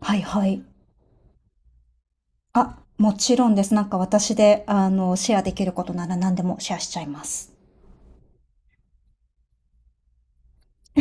はいはい。あ、もちろんです。なんか私で、シェアできることなら何でもシェアしちゃいます。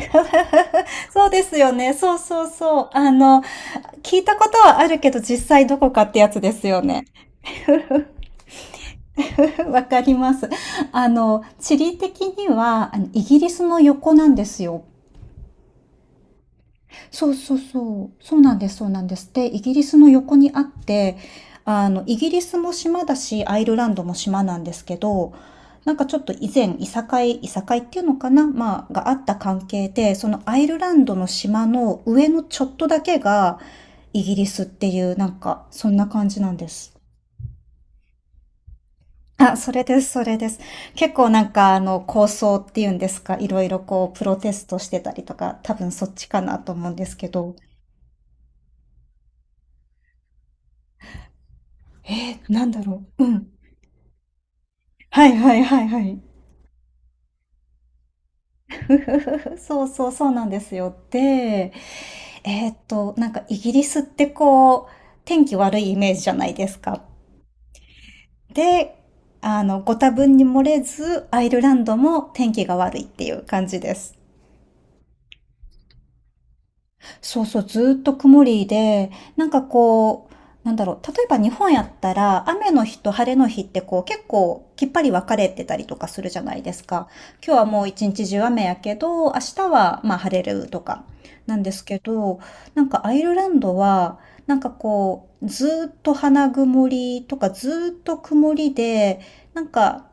そうですよね。そうそうそう。聞いたことはあるけど、実際どこかってやつですよね。わかります。あの、地理的には、あのイギリスの横なんですよ。そうそうそう。そうなんです、そうなんです。で、イギリスの横にあって、イギリスも島だし、アイルランドも島なんですけど、なんかちょっと以前、いさかいっていうのかなまあ、があった関係で、そのアイルランドの島の上のちょっとだけが、イギリスっていう、なんか、そんな感じなんです。あ、それです、それです。結構なんか、構想っていうんですか、いろいろこう、プロテストしてたりとか、多分そっちかなと思うんですけど。ええ、なんだろう。うん。はいはいはいはい。ふふふふ、そうそう、そうなんですよ。で、なんかイギリスってこう、天気悪いイメージじゃないですか。で、あの、ご多分に漏れず、アイルランドも天気が悪いっていう感じです。そうそう、ずっと曇りで、なんかこう、なんだろう、例えば日本やったら、雨の日と晴れの日ってこう結構きっぱり分かれてたりとかするじゃないですか。今日はもう一日中雨やけど、明日はまあ晴れるとかなんですけど、なんかアイルランドは、なんかこう、ずっと花曇りとかずっと曇りで、なんか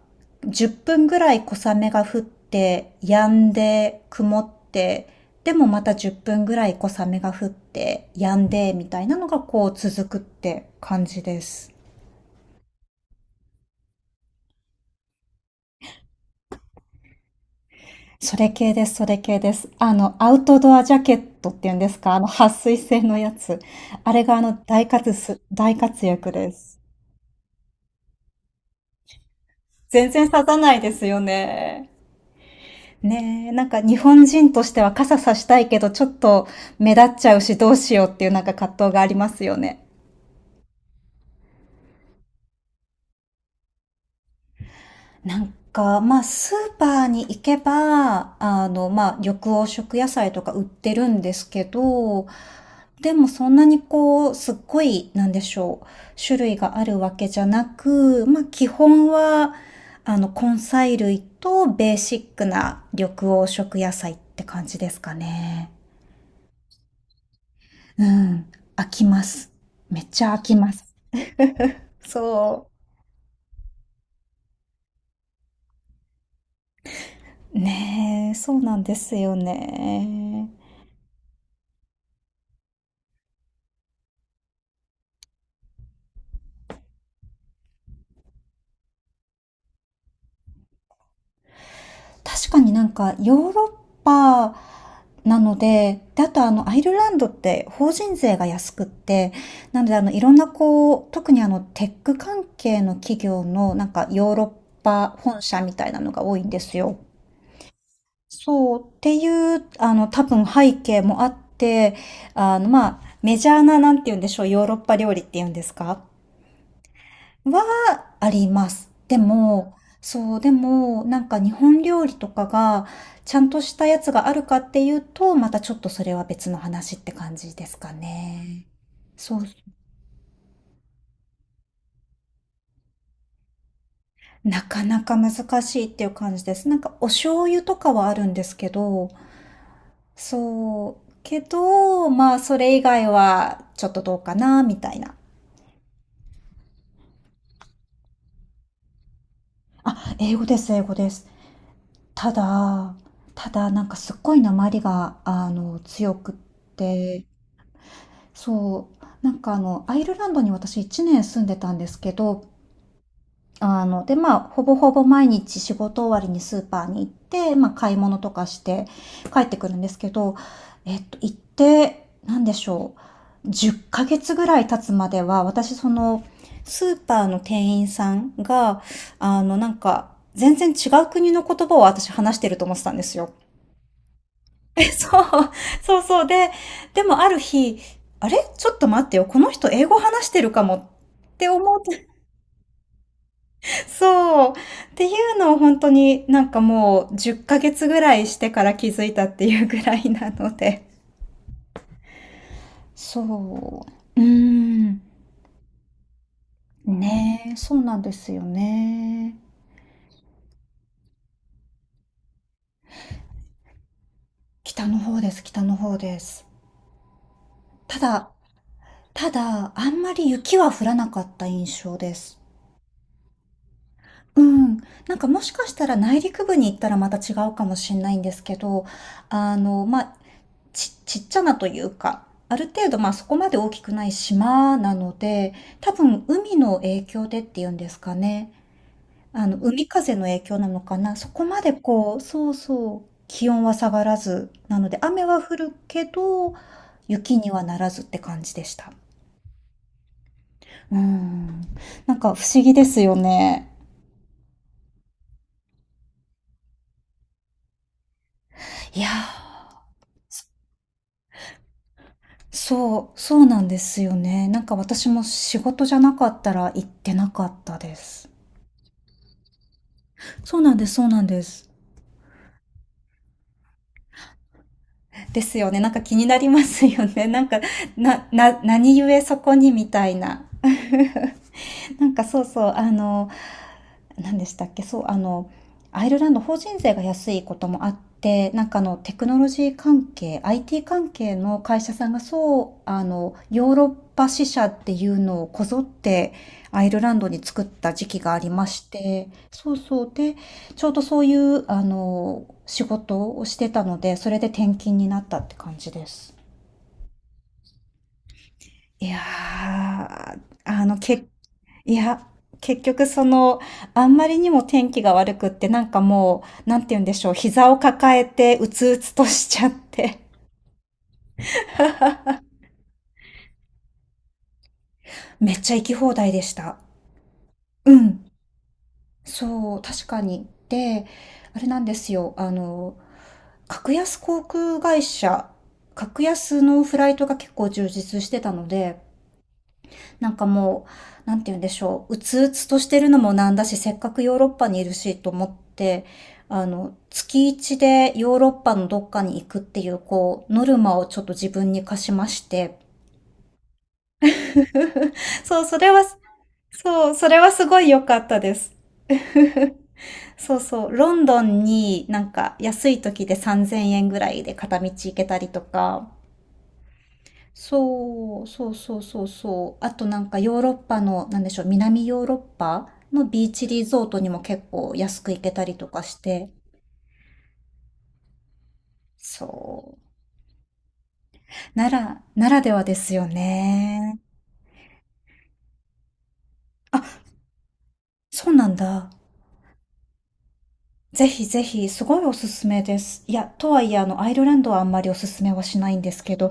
10分ぐらい小雨が降って、止んで、曇って、でもまた10分ぐらい小雨が降って、止んで、みたいなのがこう続くって感じです。それ系です、それ系です。あの、アウトドアジャケットっていうんですかあの、撥水性のやつ。あれがあの、大活躍です。全然刺さないですよね。ねえ、なんか日本人としては傘さしたいけど、ちょっと目立っちゃうしどうしようっていうなんか葛藤がありますよね。なんか、まあ、スーパーに行けば、あの、まあ、緑黄色野菜とか売ってるんですけど、でもそんなにこう、すっごい、なんでしょう、種類があるわけじゃなく、まあ、基本は、あの、根菜類とベーシックな緑黄色野菜って感じですかね。うん。飽きます。めっちゃ飽きます。そう。ねえ、そうなんですよね。確かになんかヨーロッパなので、で、あとあのアイルランドって法人税が安くって、なのであのいろんなこう、特にあのテック関係の企業のなんかヨーロッパ本社みたいなのが多いんですよ。そう、っていう、あの多分背景もあって、あのまあ、メジャーななんて言うんでしょう、ヨーロッパ料理っていうんですかはあります。でも、そう、でも、なんか日本料理とかが、ちゃんとしたやつがあるかっていうと、またちょっとそれは別の話って感じですかね。そう、なかなか難しいっていう感じです。なんかお醤油とかはあるんですけど、そう、けど、まあそれ以外はちょっとどうかな、みたいな。あ、英語です、英語です。ただ、ただなんかすっごい訛りが、強くって、そう。なんかあの、アイルランドに私1年住んでたんですけど、あの、で、まあ、ほぼほぼ毎日仕事終わりにスーパーに行って、まあ、買い物とかして帰ってくるんですけど、えっと、行って、なんでしょう。10ヶ月ぐらい経つまでは、私その、スーパーの店員さんが、なんか、全然違う国の言葉を私話してると思ってたんですよ。え、そう、そうそう。で、でもある日、あれちょっと待ってよ。この人英語話してるかもって思って、そう。っていうのを本当になんかもう10ヶ月ぐらいしてから気づいたっていうぐらいなので。そう。うーん。ねえ、そうなんですよね。北の方です、北の方です。ただ、ただ、あんまり雪は降らなかった印象です。うん、なんかもしかしたら内陸部に行ったらまた違うかもしれないんですけど、あの、まあ、ちちっちゃなというか、ある程度、まあ、そこまで大きくない島なので、多分海の影響でっていうんですかね。あの、海風の影響なのかな。そこまでこうそうそう、気温は下がらず、なので雨は降るけど、雪にはならずって感じでした。うーん、なんか不思議ですよね。いや。そう、そうなんですよね。なんか私も仕事じゃなかったら行ってなかったです。そうなんです、そうなんです。ですよね。なんか気になりますよね。なんか、何故そこにみたいな。なんかそうそう、あの、何でしたっけ、そう、あの、アイルランド法人税が安いこともあって、なんかあの、テクノロジー関係、IT 関係の会社さんがそう、あの、ヨーロッパ支社っていうのをこぞってアイルランドに作った時期がありまして、そうそう、で、ちょうどそういう、あの、仕事をしてたので、それで転勤になったって感じです。いやー、あの、結いや、結局その、あんまりにも天気が悪くって、なんかもう、なんて言うんでしょう、膝を抱えて、うつうつとしちゃって、めっちゃ行き放題でした。うん。そう、確かに。で、あれなんですよ、あの、格安航空会社、格安のフライトが結構充実してたので、なんかもう、なんて言うんでしょう、うつうつとしてるのもなんだし、せっかくヨーロッパにいるしと思って、あの、月一でヨーロッパのどっかに行くっていう、こう、ノルマをちょっと自分に課しまして。そう、それは、そう、それはすごい良かったです。そうそう、ロンドンになんか安い時で3000円ぐらいで片道行けたりとか、そう、そうそうそうそう。あとなんかヨーロッパの、なんでしょう、南ヨーロッパのビーチリゾートにも結構安く行けたりとかして。そう。なら、ならではですよね。あ、そうなんだ。ぜひぜひ、すごいおすすめです。いや、とはいえ、あの、アイルランドはあんまりおすすめはしないんですけど、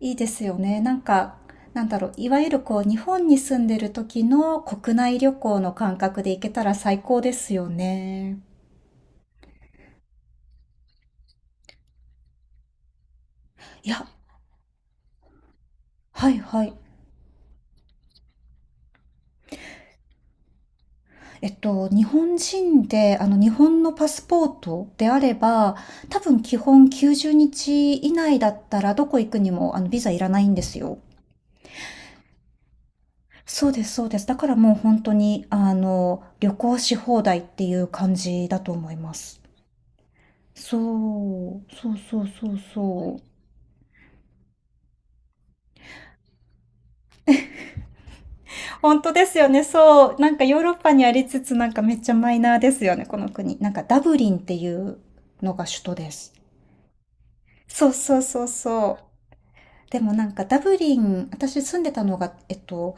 いいですよね。なんか、なんだろう、いわゆるこう、日本に住んでる時の国内旅行の感覚で行けたら最高ですよね。いや、はいはい。えっと、日本人で、あの、日本のパスポートであれば、多分基本90日以内だったら、どこ行くにも、あの、ビザいらないんですよ。そうです、そうです。だからもう本当に、あの、旅行し放題っていう感じだと思います。そう、そうそうそうそう。本当ですよね、そう。なんかヨーロッパにありつつ、なんかめっちゃマイナーですよね、この国。なんかダブリンっていうのが首都です。そうそうそうそう。でもなんかダブリン、私住んでたのが、えっと、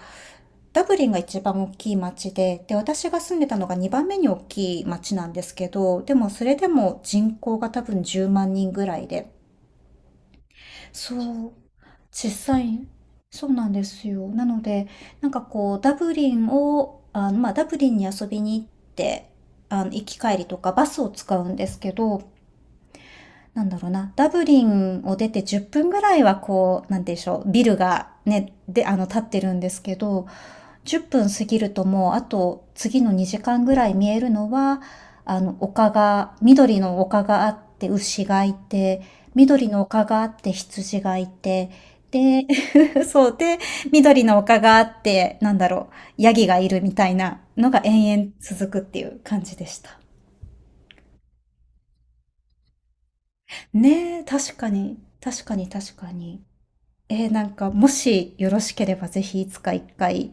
ダブリンが一番大きい町で、で、私が住んでたのが2番目に大きい町なんですけど、でもそれでも人口が多分10万人ぐらいで、そう、小さい、そうなんですよ。なので、なんかこう、ダブリンを、あの、まあ、ダブリンに遊びに行って、あの、行き帰りとかバスを使うんですけど、なんだろうな、ダブリンを出て10分ぐらいはこう、なんてでしょう、ビルがね、で、あの、立ってるんですけど、10分過ぎるともう、あと次の2時間ぐらい見えるのは、あの、丘が、緑の丘があって、牛がいて、緑の丘があって、羊がいて、で、そうで、緑の丘があって、なんだろう、ヤギがいるみたいなのが延々続くっていう感じでした。ねえ、確かに、確かに確かに。えーなんか、もしよろしければぜひいつか一回